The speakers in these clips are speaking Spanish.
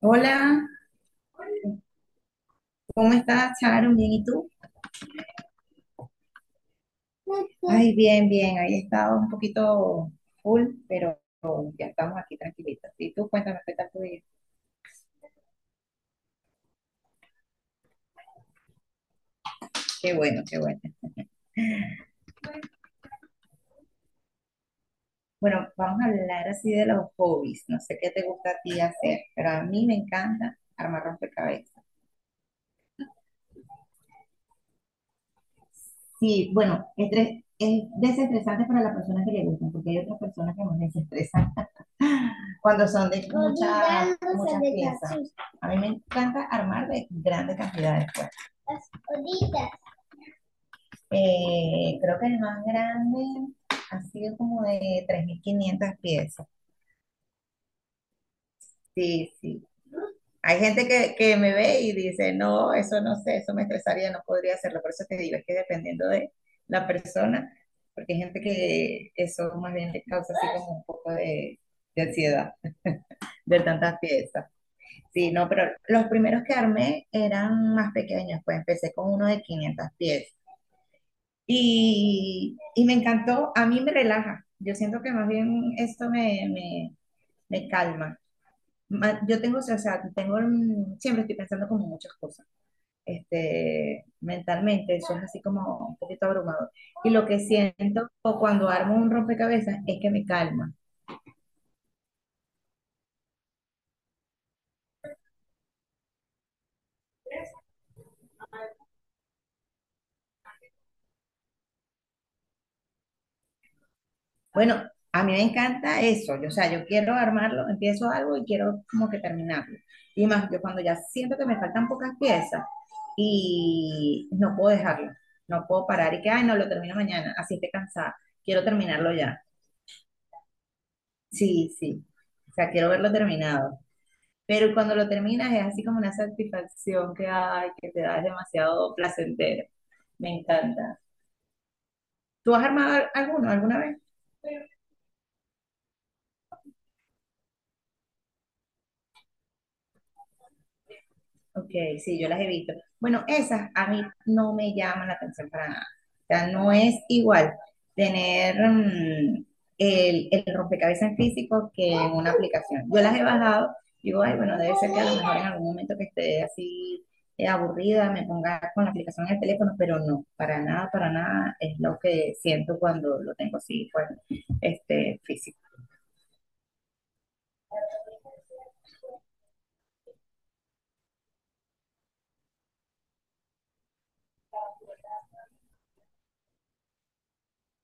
Hola, ¿cómo estás, Sharon? Bien, ¿y tú? Ay, bien, bien. Ahí he estado un poquito full, pero ya estamos aquí tranquilitos. Y tú, cuéntame qué tal tu día. Qué bueno, qué bueno. Bueno, vamos a hablar así de los hobbies. No sé qué te gusta a ti hacer, pero a mí me encanta armar rompecabezas. Sí, bueno, es desestresante para las personas que le gusta, porque hay otras personas que nos desestresan cuando son de muchas piezas. A mí me encanta armar de grandes cantidades. Pues las horitas. Creo que el más grande ha sido como de 3.500 piezas. Sí, sí. Hay gente que me ve y dice, no, eso no sé, eso me estresaría, no podría hacerlo. Por eso te digo, es que dependiendo de la persona, porque hay gente que eso más bien le causa así como un poco de ansiedad, de tantas piezas. Sí, no, pero los primeros que armé eran más pequeños, pues empecé con uno de 500 pies y me encantó, a mí me relaja, yo siento que más bien esto me calma. Yo tengo, o sea, tengo, siempre estoy pensando como muchas cosas, mentalmente, eso es así como un poquito abrumador. Y lo que siento o cuando armo un rompecabezas es que me calma. Bueno, a mí me encanta eso. Yo, o sea, yo quiero armarlo, empiezo algo y quiero como que terminarlo. Y más, yo cuando ya siento que me faltan pocas piezas y no puedo dejarlo, no puedo parar y que, ay, no, lo termino mañana, así esté cansada, quiero terminarlo ya. Sí, sí, o sea, quiero verlo terminado. Pero cuando lo terminas es así como una satisfacción que, ay, que te da, es demasiado placentero. Me encanta. ¿Tú has armado alguno alguna vez? Ok, sí, yo las he visto. Bueno, esas a mí no me llaman la atención para nada. O sea, no es igual tener el rompecabezas en físico que en una aplicación. Yo las he bajado, digo, ay, bueno, debe ser que a lo mejor en algún momento que esté así aburrida me ponga con la aplicación en el teléfono, pero no, para nada es lo que siento cuando lo tengo así, pues, físico.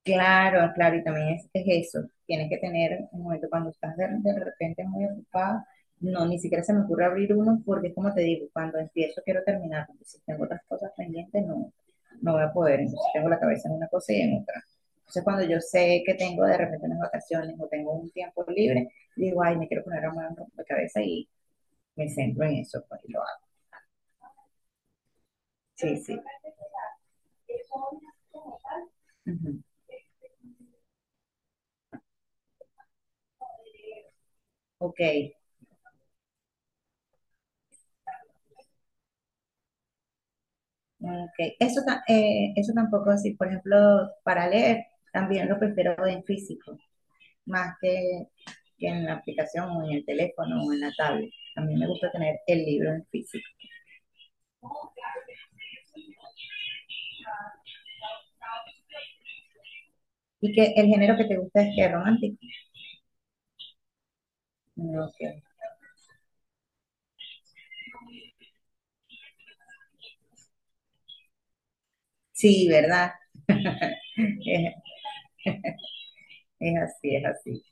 Claro, claro, y también es eso. Tienes que tener un momento cuando estás de repente muy ocupada. No, ni siquiera se me ocurre abrir uno porque es como te digo, cuando empiezo quiero terminar, porque si tengo otras cosas pendientes no, no voy a poder. Entonces tengo la cabeza en una cosa y en otra. Entonces cuando yo sé que tengo de repente unas vacaciones o tengo un tiempo libre, digo, ay, me quiero poner a armar un rompecabezas y me centro en eso, pues y lo hago. Sí, sí. Ujú. Ok. Ok. Eso, eso tampoco así. Por ejemplo, para leer también lo prefiero en físico, más que en la aplicación o en el teléfono o en la tablet. A mí me gusta tener el libro en físico. Y que el género que te gusta es que es romántico. Ok. Sí, ¿verdad? Es, es así, es así.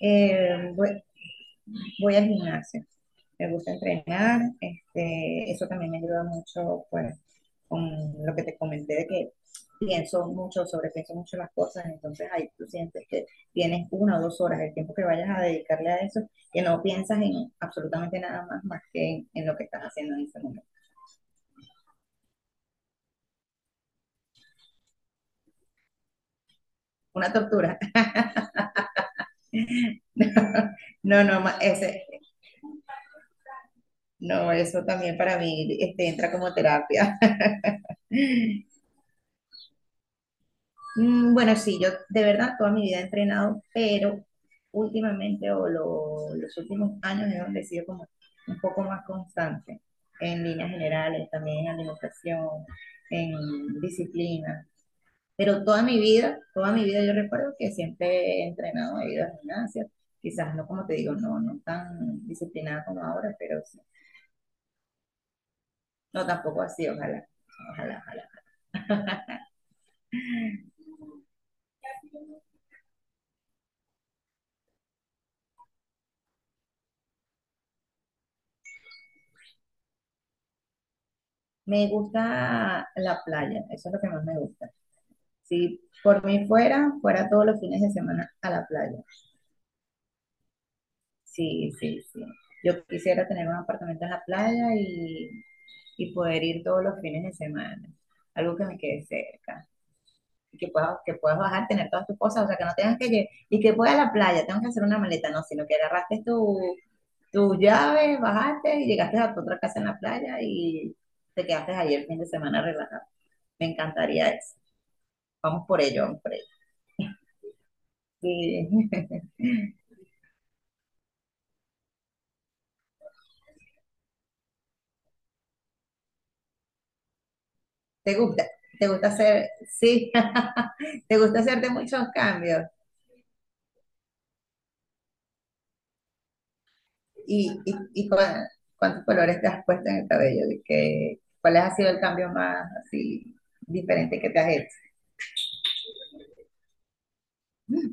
Eh, bu- Voy al gimnasio, me gusta entrenar, eso también me ayuda mucho, pues, con lo que te comenté de que pienso mucho, sobrepienso mucho las cosas, entonces ahí tú sientes que tienes una o dos horas el tiempo que vayas a dedicarle a eso, que no piensas en absolutamente nada más más que en lo que estás haciendo en ese momento. Una tortura. No, no, eso también para mí entra como terapia. Bueno, sí, yo de verdad toda mi vida he entrenado, pero últimamente o los últimos años es donde he sido como un poco más constante en líneas generales, también en alimentación, en disciplina. Pero toda mi vida yo recuerdo que siempre he entrenado, he ido a gimnasia, quizás no como te digo, no, no tan disciplinada como ahora, pero sí. No, tampoco así, ojalá, ojalá, ojalá. Me gusta la playa, eso es lo que más me gusta. Si por mí fuera, fuera todos los fines de semana a la playa. Sí, sí, sí. Yo quisiera tener un apartamento en la playa y poder ir todos los fines de semana. Algo que me quede cerca. Y que puedas bajar, tener todas tus cosas. O sea, que no tengas que llegar. Y que voy a la playa, tengo que hacer una maleta. No, sino que agarraste tus llaves, bajaste y llegaste a tu otra casa en la playa y te quedaste ahí el fin de semana relajado. Me encantaría eso. Vamos por ello, vamos por ello. Sí. ¿Te gusta, te gusta hacer, sí, te gusta hacerte muchos cambios? ¿Y cuántos colores te has puesto en el cabello? ¿Y cuál ha sido el cambio más así diferente que te has hecho?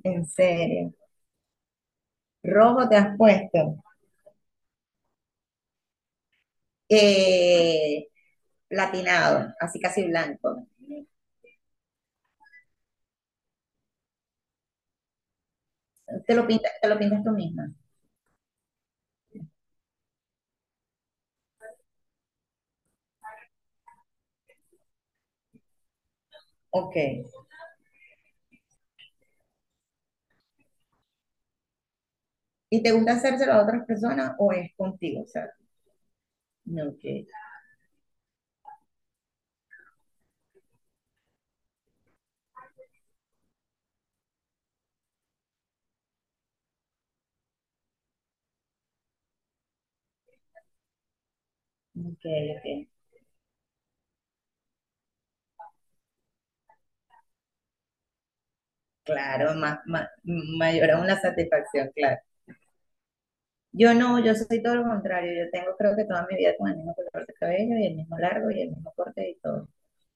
En serio, rojo te has puesto, eh, platinado, así casi blanco. Te lo pintas tú misma? Ok. ¿Y te gusta hacérselo a otras personas o es contigo? O sea, no, ok, ok, ok. Claro, más, más, mayor aún la satisfacción, claro. Yo no, yo soy todo lo contrario. Yo tengo creo que toda mi vida con el mismo color de cabello y el mismo largo y el mismo corte y todo.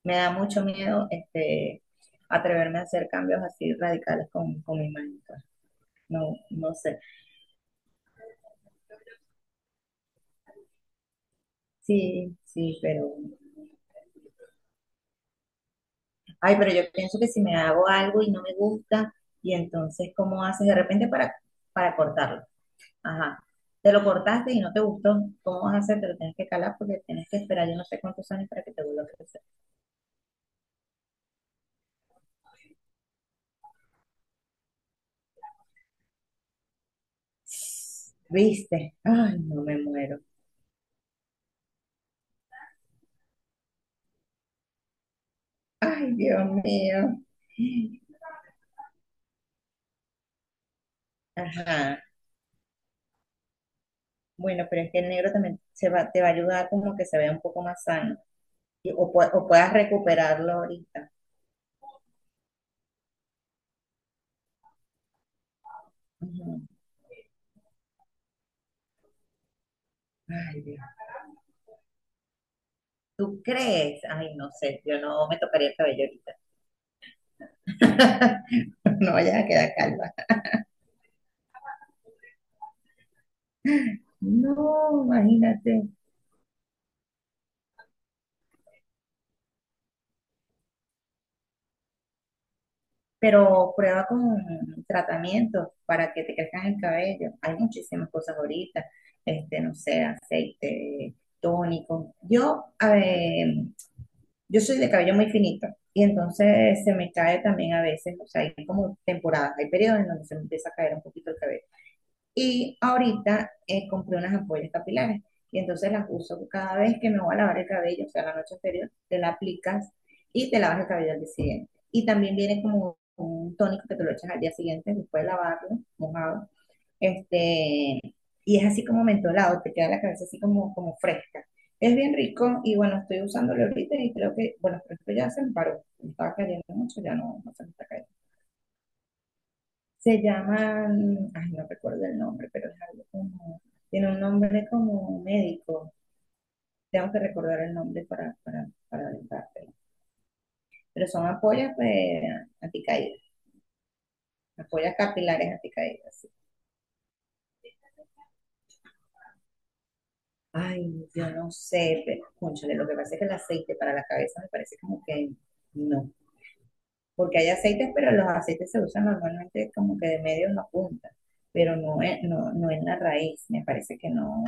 Me da mucho miedo atreverme a hacer cambios así radicales con mi imagen pues. No, no sé. Sí, sí, pero... Ay, pero yo pienso que si me hago algo y no me gusta, y entonces, ¿cómo haces de repente para cortarlo? Ajá. Te lo cortaste y no te gustó, ¿cómo vas a hacer? Te lo tienes que calar porque tienes que esperar yo no sé cuántos años para que te vuelva a crecer. ¿Viste? Ay, no me muero. Ay, Dios mío. Ajá. Bueno, pero es que el negro también se va, te va a ayudar como que se vea un poco más sano o, o puedas recuperarlo ahorita. Ujú. Ay, Dios. ¿Tú crees? Ay, no sé, yo no me tocaría el cabello ahorita. No vayas a quedar calva. No, imagínate. Pero prueba con tratamientos para que te crezcan el cabello. Hay muchísimas cosas ahorita, no sé, aceite, tónico. Yo, a ver, yo soy de cabello muy finito y entonces se me cae también a veces, o sea, hay como temporadas, hay periodos en donde se me empieza a caer un poquito el cabello. Y ahorita compré unas ampollas capilares y entonces las uso cada vez que me voy a lavar el cabello, o sea, la noche anterior, te la aplicas y te lavas el cabello al día siguiente. Y también viene como un tónico que te lo echas al día siguiente después de lavarlo, mojado. Este, y es así como mentolado, te queda la cabeza así como, como fresca. Es bien rico y bueno, estoy usándolo ahorita y creo que, bueno, pero esto ya se me paró, me estaba cayendo mucho, ya no, no se me está cayendo. Se llaman, ay, no recuerdo el nombre, pero es algo como, tiene un nombre como médico. Tengo que recordar el nombre para aventártelo. Pero son apoyas pues, anticaídas, apoyas capilares anticaídas. Sí. Ay, yo no sé, pero, cónchale, lo que pasa es que el aceite para la cabeza me parece como que no. Porque hay aceites, pero los aceites se usan normalmente como que de medio en la punta, pero no, no, no en la raíz. Me parece que no,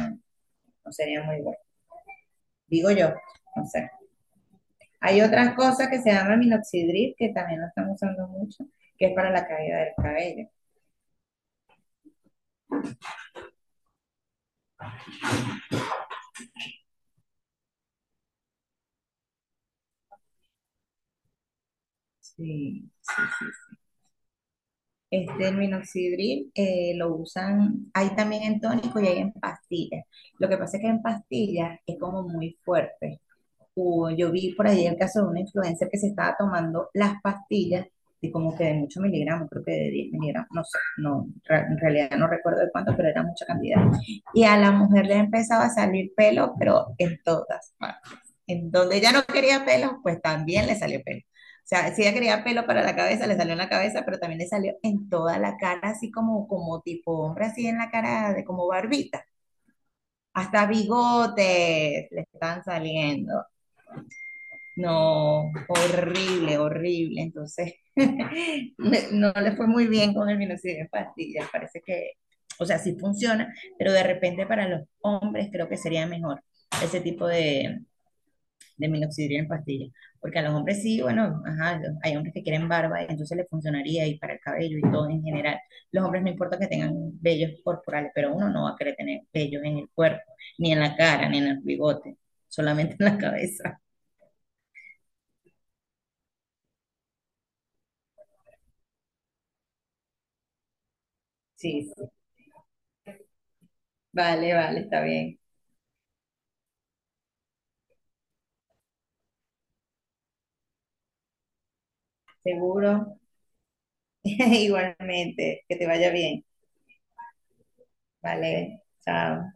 no sería muy bueno. Digo yo, no sé. Hay otras cosas que se llama minoxidil, que también lo están usando mucho, que es para la caída del cabello. Sí, sí, sí. Este el minoxidil lo usan, hay también en tónico y hay en pastillas. Lo que pasa es que en pastillas es como muy fuerte. O yo vi por ahí el caso de una influencer que se estaba tomando las pastillas de como que de muchos miligramos, creo que de 10 miligramos, no sé, no, en realidad no recuerdo de cuánto, pero era mucha cantidad. Y a la mujer le empezaba a salir pelo, pero en todas partes. En donde ella no quería pelo, pues también le salió pelo. O sea, si ella quería pelo para la cabeza, le salió en la cabeza, pero también le salió en toda la cara, así como, como tipo hombre, así en la cara de como barbita. Hasta bigotes le están saliendo. No, horrible, horrible. Entonces, no le fue muy bien con el minoxidil en pastillas. Parece que, o sea, sí funciona, pero de repente para los hombres creo que sería mejor ese tipo de minoxidil en pastillas. Porque a los hombres sí, bueno, ajá, hay hombres que quieren barba y entonces le funcionaría y para el cabello y todo en general. Los hombres no importa que tengan vellos corporales, pero uno no va a querer tener vellos en el cuerpo, ni en la cara, ni en el bigote, solamente en la cabeza. Sí, sí. Vale, vale, está bien. Seguro. Igualmente, que te vaya bien. Vale, chao.